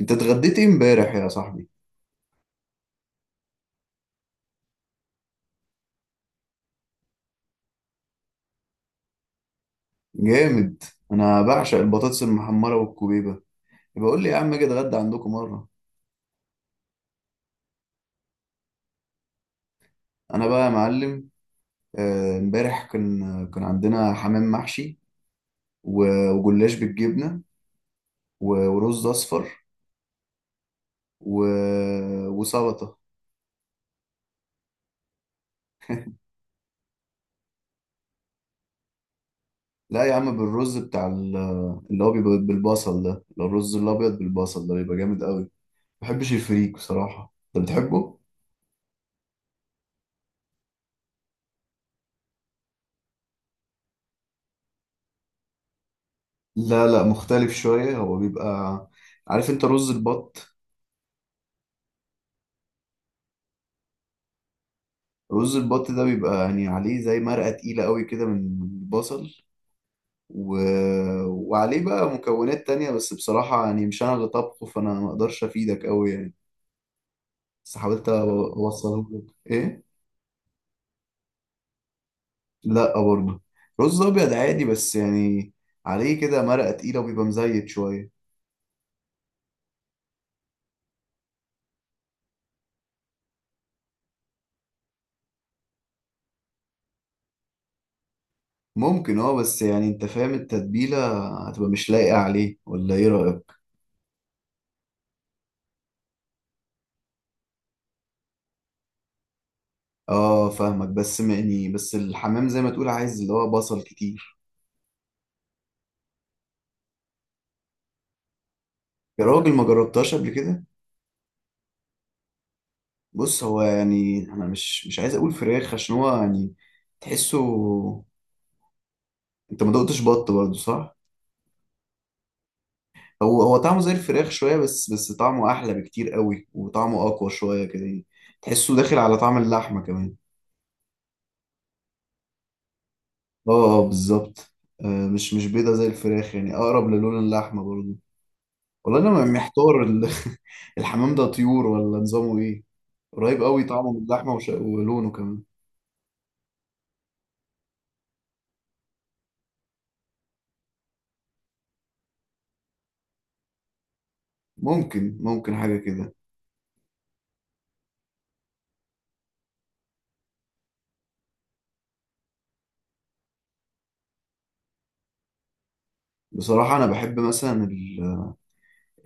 انت اتغديت ايه امبارح يا صاحبي؟ جامد. انا بعشق البطاطس المحمره والكوبيبه. يبقى قول لي يا عم اجي اتغدى عندكم مره. انا بقى يا معلم، امبارح كان عندنا حمام محشي. وجلاش بالجبنه. ورز اصفر. وسلطه. لا يا عم بالرز بتاع اللي هو بيبقى بالبصل ده، اللي هو الرز الابيض بالبصل ده بيبقى جامد قوي. ما بحبش الفريك بصراحه، انت بتحبه؟ لا لا، مختلف شويه. هو بيبقى، عارف انت رز البط؟ رز البط ده بيبقى يعني عليه زي مرقة تقيلة قوي كده من البصل و... وعليه بقى مكونات تانية، بس بصراحة يعني مش أنا اللي طبخه، فأنا ما أقدرش أفيدك قوي يعني. بس حاولت أوصله لك. إيه؟ لأ برضه. رز أبيض عادي بس يعني عليه كده مرقة تقيلة وبيبقى مزيت شوية. ممكن اه، بس يعني انت فاهم التتبيلة هتبقى مش لايقة عليه، ولا ايه رأيك؟ اه فاهمك، بس يعني بس الحمام زي ما تقول عايز اللي هو بصل كتير. يا راجل ما جربتهاش قبل كده؟ بص، هو يعني انا مش عايز اقول فراخ عشان هو يعني تحسه. انت ما دقتش بط برضه صح؟ هو طعمه زي الفراخ شويه، بس طعمه احلى بكتير قوي وطعمه اقوى شويه كده يعني. تحسه داخل على طعم اللحمه كمان. اه اه، بالظبط. مش بيضه زي الفراخ يعني، اقرب للون اللحمه برضه. والله انا محتار الحمام ده طيور ولا نظامه ايه؟ قريب قوي طعمه من اللحمه، ولونه كمان. ممكن حاجه كده. بصراحه انا بحب مثلا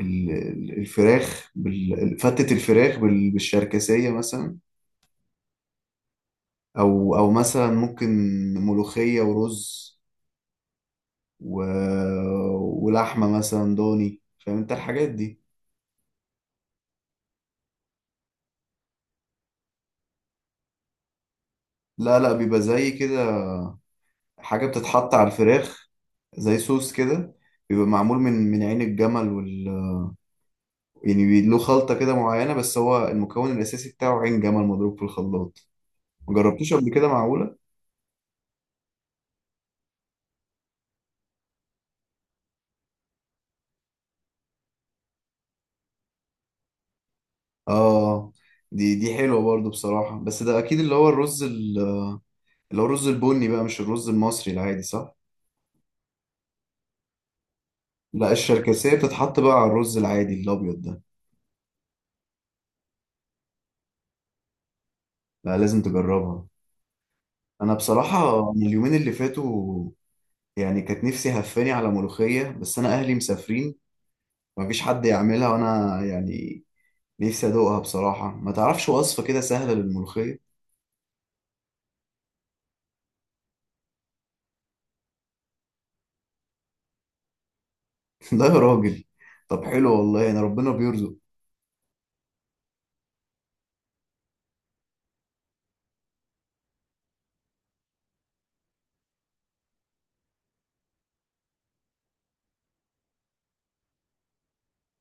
الفراخ فتة الفراخ بالشركسية مثلا. أو مثلا ممكن ملوخية ورز و... ولحمة مثلا ضاني، فاهم أنت الحاجات دي. لا لا، بيبقى زي كده حاجة بتتحط على الفراخ زي صوص كده. بيبقى معمول من عين الجمل يعني له خلطة كده معينة، بس هو المكون الأساسي بتاعه عين جمل مضروب في الخلاط. مجربتوش قبل كده معقولة؟ اه، دي حلوة برضو بصراحة، بس ده أكيد اللي هو الرز اللي هو الرز البني بقى مش الرز المصري العادي صح؟ لا الشركسية بتتحط بقى على الرز العادي الأبيض ده. لا، لازم تجربها. أنا بصراحة من اليومين اللي فاتوا يعني كانت نفسي هفاني على ملوخية، بس أنا أهلي مسافرين، مفيش حد يعملها، وأنا يعني نفسي أدوقها بصراحة. ما تعرفش وصفة كده سهلة للملوخية؟ لا يا راجل، طب حلو والله، يعني ربنا بيرزق.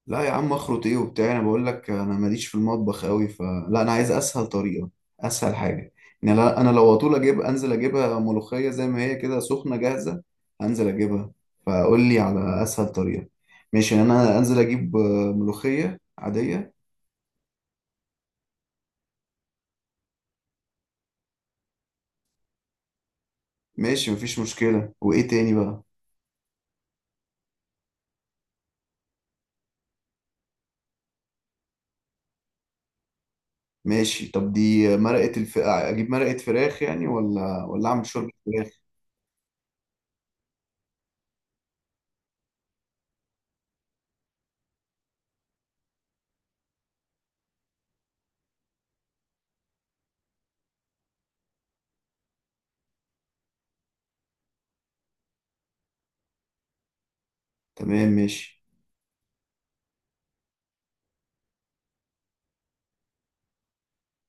لا يا عم اخرط ايه وبتاع، انا بقول لك انا ماليش في المطبخ قوي، فلا انا عايز اسهل طريقه، اسهل حاجه. يعني انا لو اطول اجيب، انزل اجيبها ملوخيه زي ما هي كده سخنه جاهزه. انزل اجيبها، فقول لي على اسهل طريقه. ماشي يعني انا انزل اجيب ملوخيه عاديه. ماشي مفيش مشكله، وايه تاني بقى؟ ماشي، طب دي مرقه اجيب مرقه فراخ يعني، ولا اعمل شوربه فراخ؟ تمام ماشي.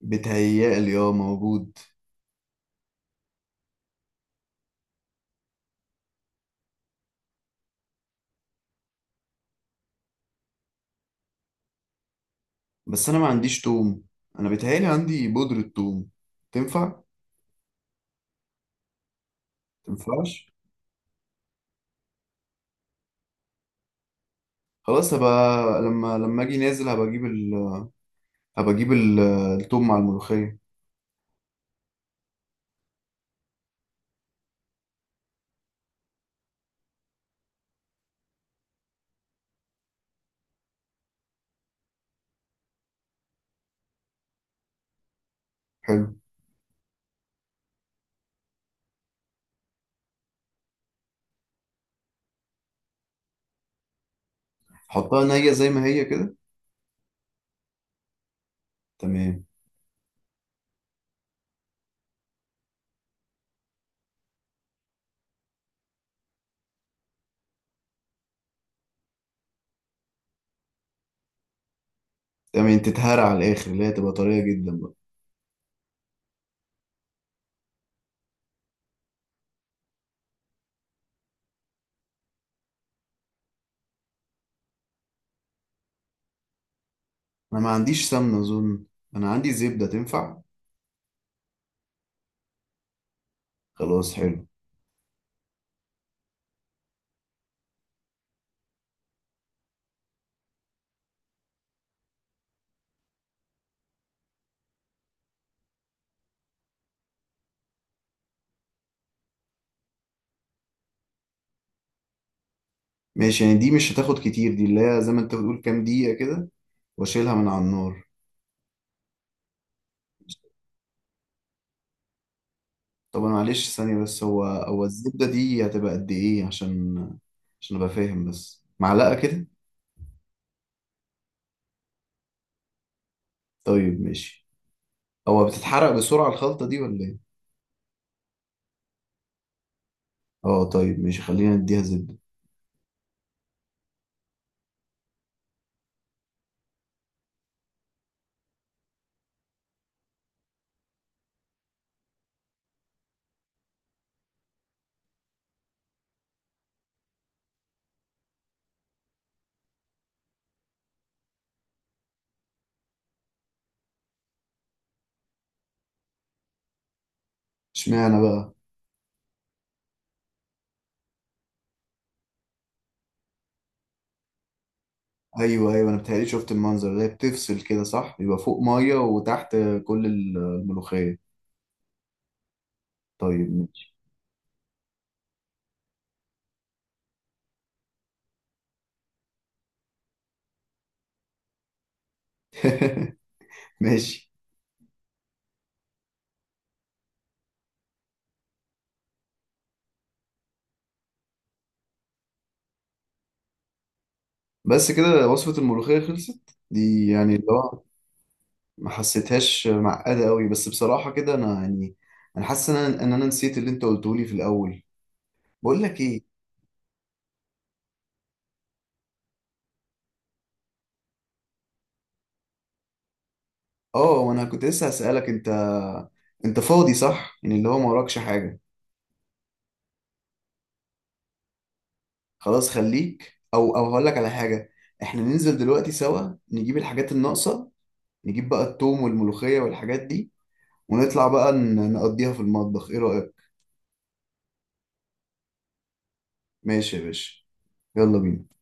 بتهيألي اه موجود. بس انا ما عنديش توم، انا بيتهيألي عندي بودرة توم، تنفع؟ تنفعش. خلاص هبقى لما اجي نازل هبقى اجيب هبقى اجيب التوم مع الملوخية. حلو. حطها نية زي ما هي كده. تمام. تمام، تتهرى على الاخر اللي هي تبقى طرية جدا بقى. انا ما عنديش سمنة اظن، انا عندي زبدة تنفع. خلاص حلو. ماشي يعني دي مش هتاخد كتير، دي اللي هي زي ما انت بتقول كام دقيقة كده، واشيلها من على النار. طب انا معلش ثانية بس، هو الزبدة دي هتبقى قد ايه؟ عشان ابقى فاهم، بس معلقة كده؟ طيب ماشي. هو بتتحرق بسرعة الخلطة دي ولا ايه؟ اه طيب ماشي، خلينا نديها زبدة. اشمعنى بقى؟ ايوه ايوه، انا بتهيألي شفت المنظر ده، بتفصل كده صح، يبقى فوق مية وتحت كل الملوخية. طيب ماشي. ماشي. بس كده وصفة الملوخية خلصت دي يعني؟ لا، ما حسيتهاش معقدة قوي، بس بصراحة كده انا يعني انا حاسس ان انا نسيت اللي انت قلته لي في الاول. بقول لك ايه، اه وانا كنت لسه هسألك، انت فاضي صح يعني؟ اللي هو ما وراكش حاجة. خلاص خليك، او هقول لك على حاجة. احنا ننزل دلوقتي سوا نجيب الحاجات الناقصة، نجيب بقى التوم والملوخية والحاجات دي، ونطلع بقى نقضيها في المطبخ. ايه رأيك؟ ماشي يا باشا، يلا بينا.